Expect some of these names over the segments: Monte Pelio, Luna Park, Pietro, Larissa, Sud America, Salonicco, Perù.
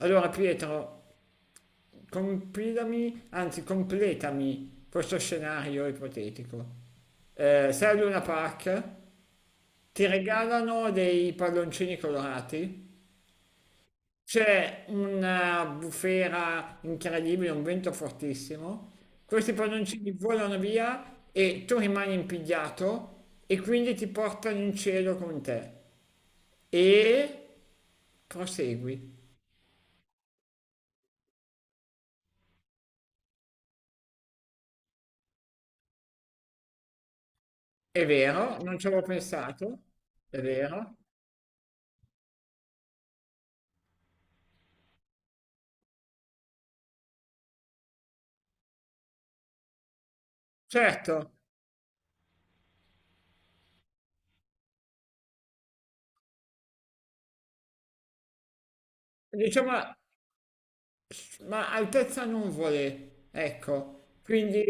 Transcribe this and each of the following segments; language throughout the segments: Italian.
Allora Pietro, compilami, anzi completami questo scenario ipotetico. Sei a Luna Park, ti regalano dei palloncini colorati, c'è una bufera incredibile, un vento fortissimo, questi palloncini volano via e tu rimani impigliato e quindi ti portano in cielo con te. E prosegui. È vero, non ci avevo pensato, è vero. Certo, diciamo, ma altezza non vuole, ecco, quindi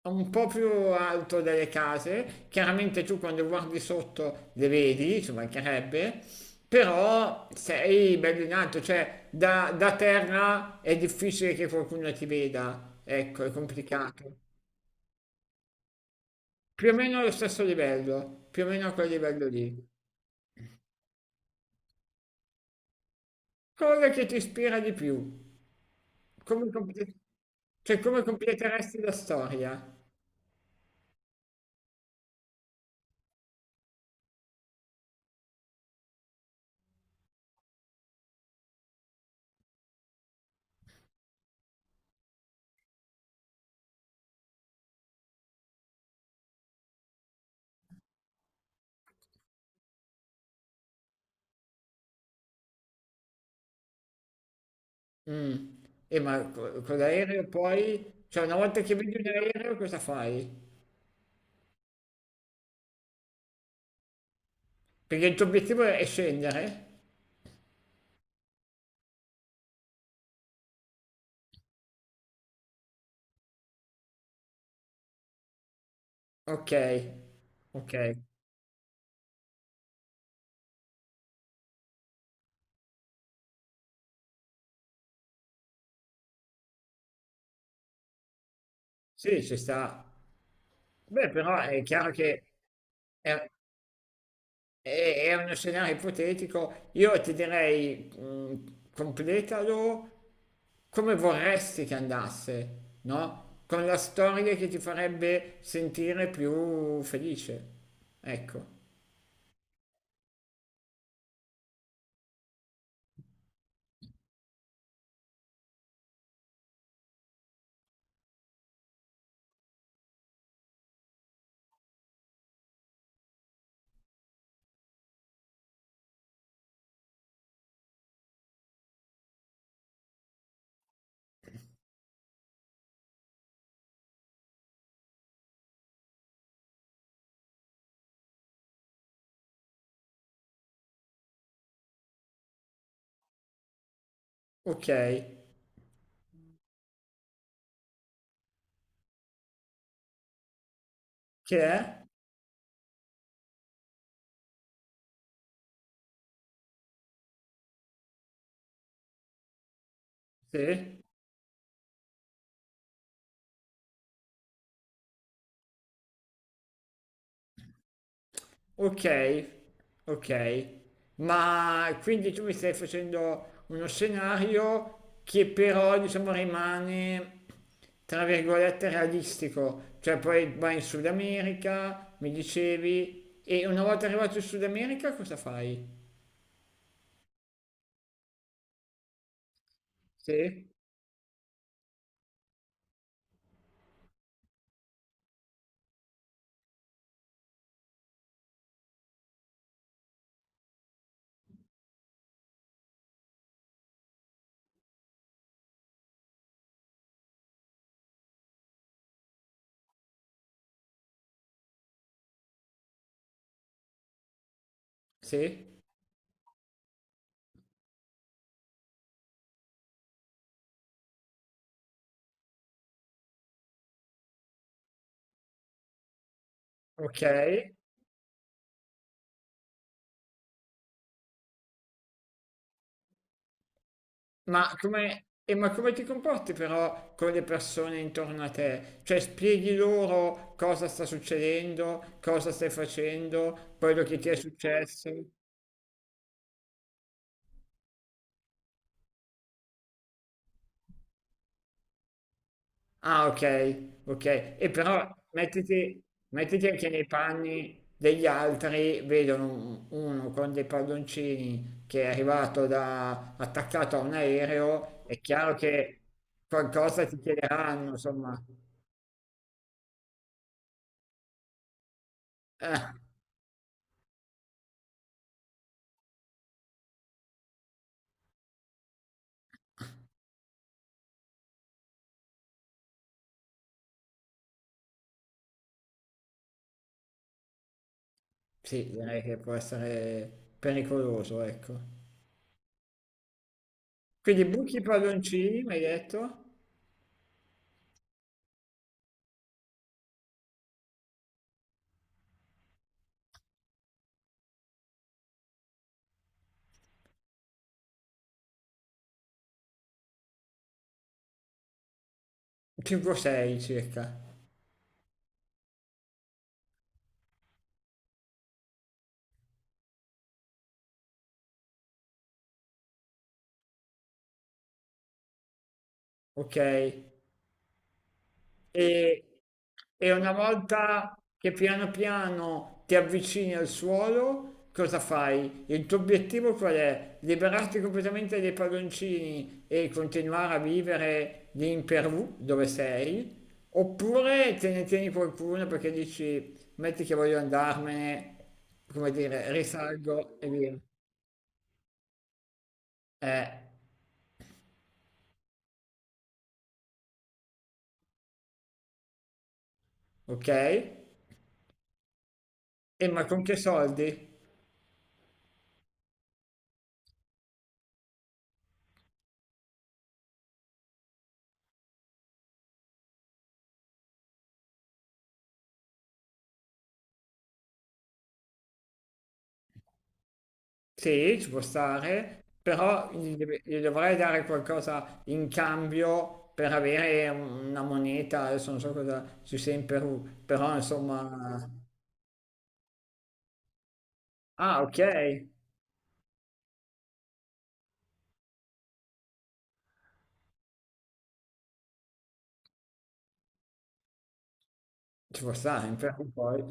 è un po' più alto delle case, chiaramente tu quando guardi sotto le vedi, ci mancherebbe, però sei bello in alto, cioè da terra è difficile che qualcuno ti veda, ecco, è complicato. Più o meno allo stesso livello, più o meno a quel livello lì. Cosa che ti ispira di più? Come, comple- cioè, come completeresti la storia? Mm. E ma con l'aereo poi, cioè una volta che vedi un aereo cosa fai? Perché il tuo obiettivo è scendere? Ok, ok, sì, ci sta. Beh, però è chiaro che è, è uno scenario ipotetico. Io ti direi, completalo come vorresti che andasse, no? Con la storia che ti farebbe sentire più felice. Ecco, ok. Che è? Sì. Ok, ok, ma quindi tu mi stai facendo uno scenario che però diciamo rimane tra virgolette realistico, cioè poi vai in Sud America, mi dicevi, e una volta arrivato in Sud America cosa fai? Sì, sì, ok. Ma come, e ma come ti comporti però con le persone intorno a te? Cioè spieghi loro cosa sta succedendo, cosa stai facendo, quello che ti è successo? Ah, ok, ok. E però mettiti, mettiti anche nei panni degli altri, vedono uno con dei palloncini che è arrivato da, attaccato a un aereo, è chiaro che qualcosa ti chiederanno, insomma. Sì, direi che può essere pericoloso, ecco. Quindi buchi palloncini, mi hai detto? 5-6 circa. Ok, e, e una volta che piano piano ti avvicini al suolo, cosa fai? Il tuo obiettivo qual è? Liberarti completamente dai palloncini e continuare a vivere lì in Perù, dove sei? Oppure te ne tieni qualcuno perché dici, metti che voglio andarmene, come dire, risalgo e via. Eh, ok? E ma con che soldi? Sì, ci può stare, però gli dovrei dare qualcosa in cambio per avere una moneta, adesso non so cosa ci sia in Perù, però insomma... Ah, ok, ci può stare in Perù poi.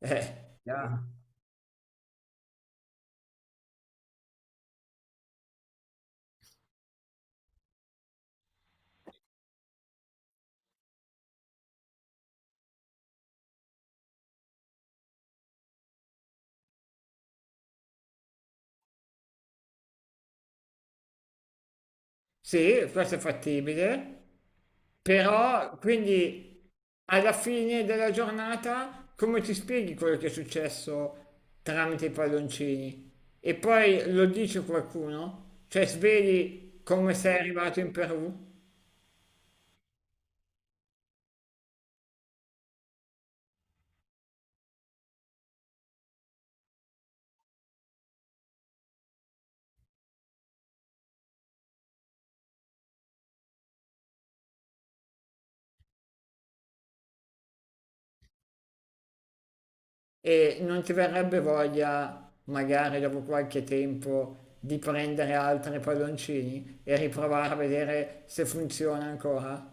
Chiaro. Sì, questo è fattibile. Però, quindi, alla fine della giornata, come ti spieghi quello che è successo tramite i palloncini? E poi lo dice qualcuno? Cioè, sveli come sei arrivato in Perù e non ti verrebbe voglia, magari dopo qualche tempo, di prendere altri palloncini e riprovare a vedere se funziona ancora?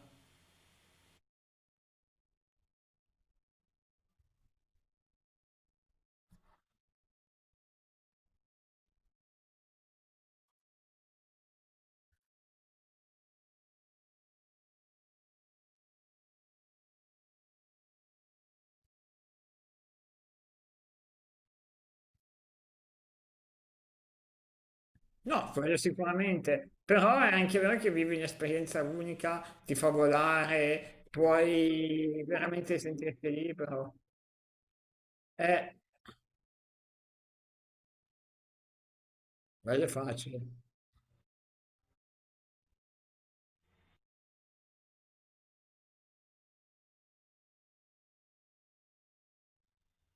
No, quello sicuramente, però è anche vero che vivi un'esperienza unica, ti fa volare, puoi veramente sentirti libero. Eh, quello è facile.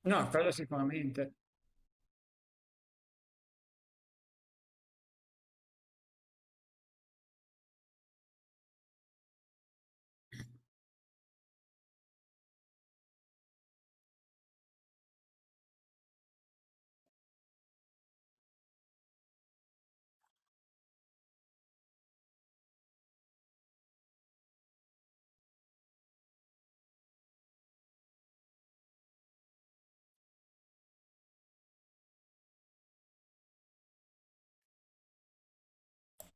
No, quello sicuramente.